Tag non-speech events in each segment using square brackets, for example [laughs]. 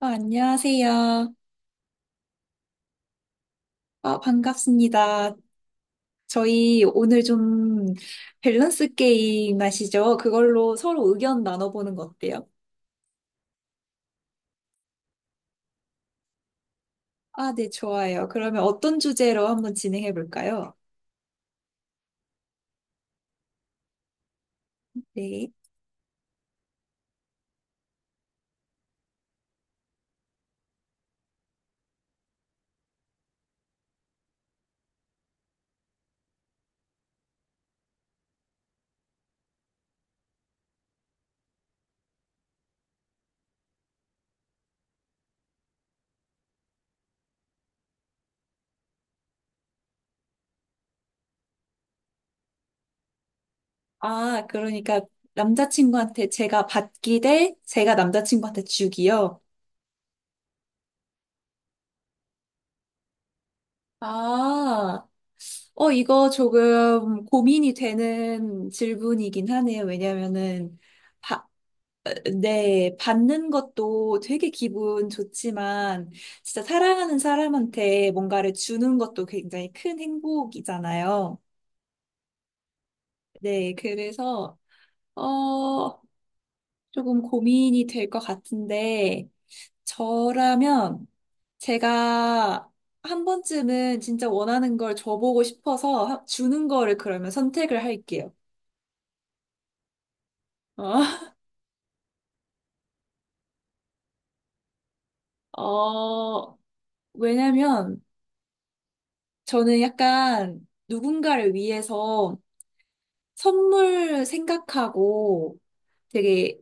안녕하세요. 반갑습니다. 저희 오늘 좀 밸런스 게임 아시죠? 그걸로 서로 의견 나눠보는 거 어때요? 아, 네, 좋아요. 그러면 어떤 주제로 한번 진행해 볼까요? 네. 아, 그러니까 남자친구한테 제가 받기 대 제가 남자친구한테 주기요. 아, 이거 조금 고민이 되는 질문이긴 하네요. 왜냐면은 바- 네, 받는 것도 되게 기분 좋지만, 진짜 사랑하는 사람한테 뭔가를 주는 것도 굉장히 큰 행복이잖아요. 네, 그래서, 어, 조금 고민이 될 것 같은데, 저라면 제가 한 번쯤은 진짜 원하는 걸 줘보고 싶어서 주는 거를 그러면 선택을 할게요. 어, [laughs] 어, 왜냐면 저는 약간 누군가를 위해서 선물 생각하고 되게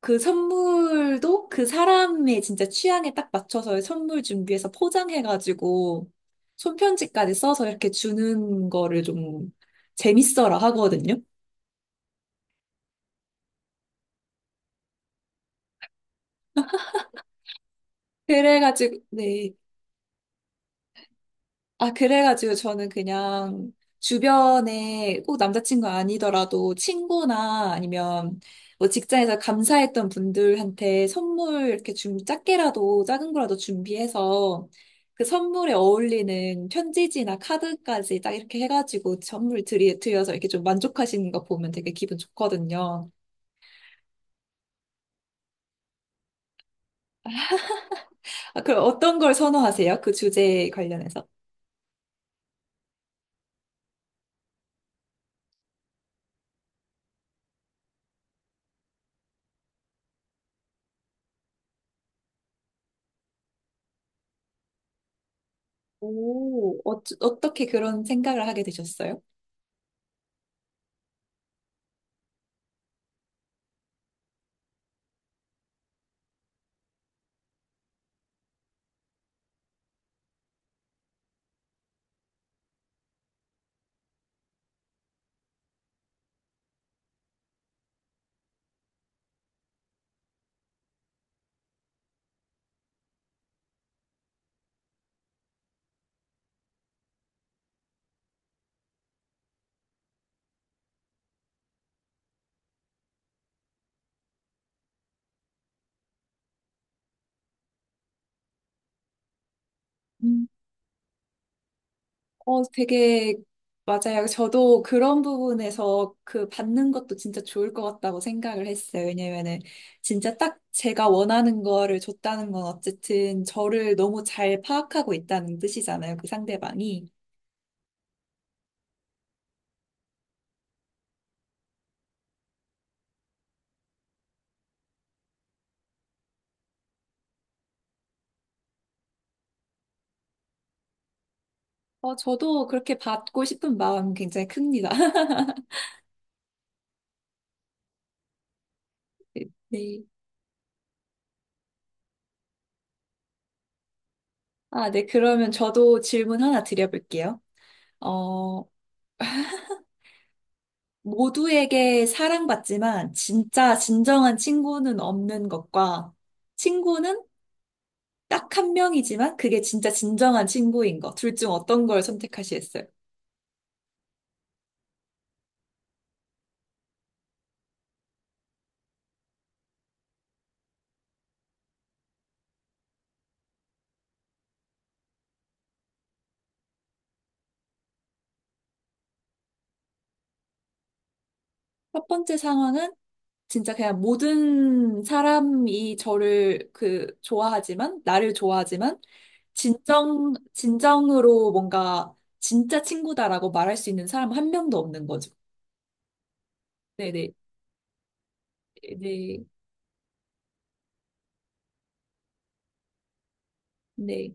그 선물도 그 사람의 진짜 취향에 딱 맞춰서 선물 준비해서 포장해가지고 손편지까지 써서 이렇게 주는 거를 좀 재밌어라 하거든요. 그래가지고, 네. 아, 그래가지고 저는 그냥 주변에 꼭 남자친구 아니더라도 친구나 아니면 뭐 직장에서 감사했던 분들한테 선물 이렇게 좀 작게라도 작은 거라도 준비해서 그 선물에 어울리는 편지지나 카드까지 딱 이렇게 해가지고 드려서 이렇게 좀 만족하시는 거 보면 되게 기분 좋거든요. 아, 그럼 어떤 걸 선호하세요? 그 주제에 관련해서? 오, 어떻게 그런 생각을 하게 되셨어요? 음. 어, 되게 맞아요. 저도 그런 부분에서 그 받는 것도 진짜 좋을 것 같다고 생각을 했어요. 왜냐면은 진짜 딱 제가 원하는 거를 줬다는 건 어쨌든 저를 너무 잘 파악하고 있다는 뜻이잖아요. 그 상대방이. 어, 저도 그렇게 받고 싶은 마음 굉장히 큽니다. [laughs] 네. 아, 네. 그러면 저도 질문 하나 드려볼게요. 어, 모두에게 사랑받지만 진짜 진정한 친구는 없는 것과 친구는 딱 한 명이지만 그게 진짜 진정한 친구인 거. 둘 중 어떤 걸 선택하시겠어요? 첫 번째 상황은 진짜 그냥 모든 사람이 저를 그 좋아하지만, 나를 좋아하지만, 진정으로 뭔가 진짜 친구다라고 말할 수 있는 사람 한 명도 없는 거죠. 네네, 네, 네.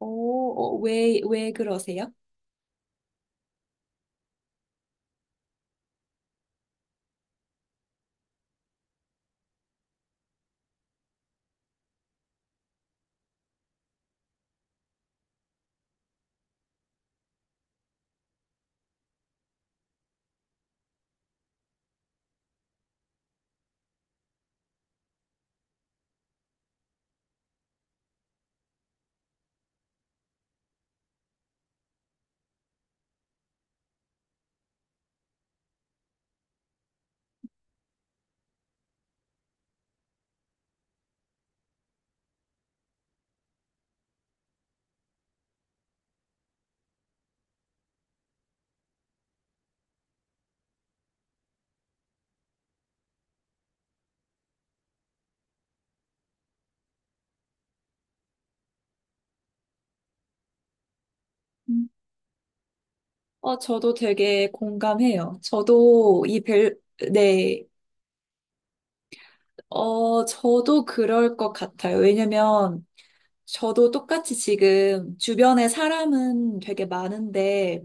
오.. 어, 어, 왜 그러세요? 음. 어, 저도 되게 공감해요. 저도 이 밸, 네. 어, 저도 그럴 것 같아요. 왜냐면 저도 똑같이 지금 주변에 사람은 되게 많은데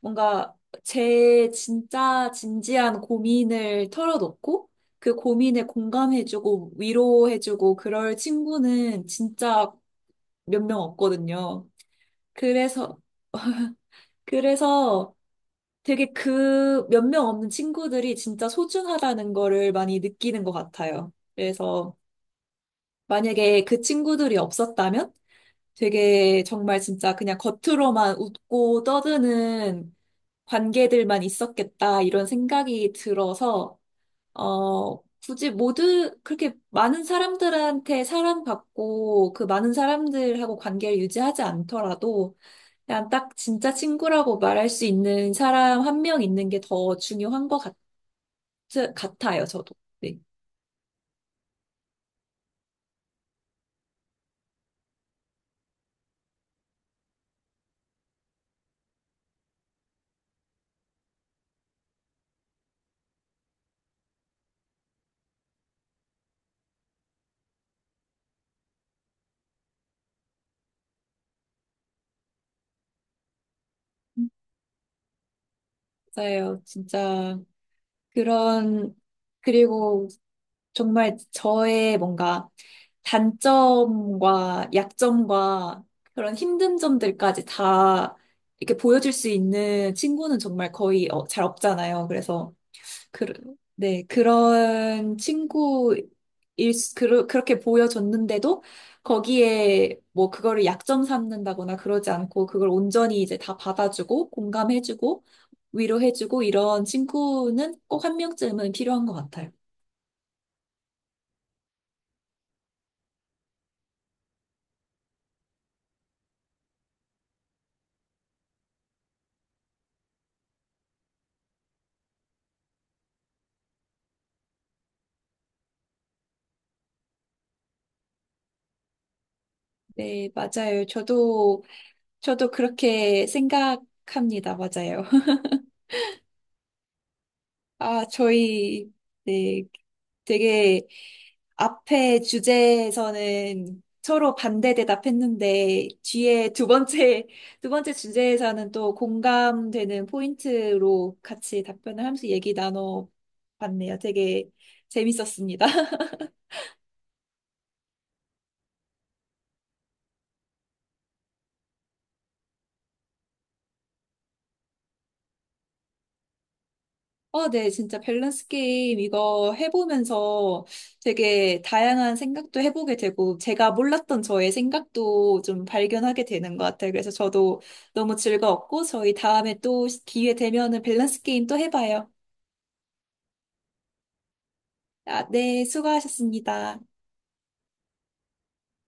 뭔가 제 진짜 진지한 고민을 털어놓고 그 고민에 공감해주고 위로해주고 그럴 친구는 진짜 몇 명 없거든요. 그래서, 그래서 되게 그 몇 명 없는 친구들이 진짜 소중하다는 거를 많이 느끼는 것 같아요. 그래서 만약에 그 친구들이 없었다면 되게 정말 진짜 그냥 겉으로만 웃고 떠드는 관계들만 있었겠다 이런 생각이 들어서 어 굳이 모두 그렇게 많은 사람들한테 사랑받고 그 많은 사람들하고 관계를 유지하지 않더라도 그냥 딱 진짜 친구라고 말할 수 있는 사람 한 명 있는 게 더 중요한 것 같아요. 저- 같아요, 저도. 네. 맞아요. 진짜 그런, 그리고 정말 저의 뭔가 단점과 약점과 그런 힘든 점들까지 다 이렇게 보여줄 수 있는 친구는 정말 거의 어, 잘 없잖아요. 그래서 그, 네, 그런 친구일, 수- 그러, 그렇게 보여줬는데도 거기에 뭐 그거를 약점 삼는다거나 그러지 않고 그걸 온전히 이제 다 받아주고 공감해주고 위로해주고 이런 친구는 꼭 한 명쯤은 필요한 것 같아요. 네, 맞아요. 저도 그렇게 생각합니다. 맞아요. 아, 저희, 네, 되게 앞에 주제에서는 서로 반대 대답했는데, 뒤에 [laughs] 두 번째 주제에서는 또 공감되는 포인트로 같이 답변을 하면서 얘기 나눠봤네요. 되게 재밌었습니다. 어, 네, 진짜 밸런스 게임 이거 해보면서 되게 다양한 생각도 해보게 되고, 제가 몰랐던 저의 생각도 좀 발견하게 되는 것 같아요. 그래서 저도 너무 즐거웠고, 저희 다음에 또 기회 되면은 밸런스 게임 또 해봐요. 아, 네, 수고하셨습니다.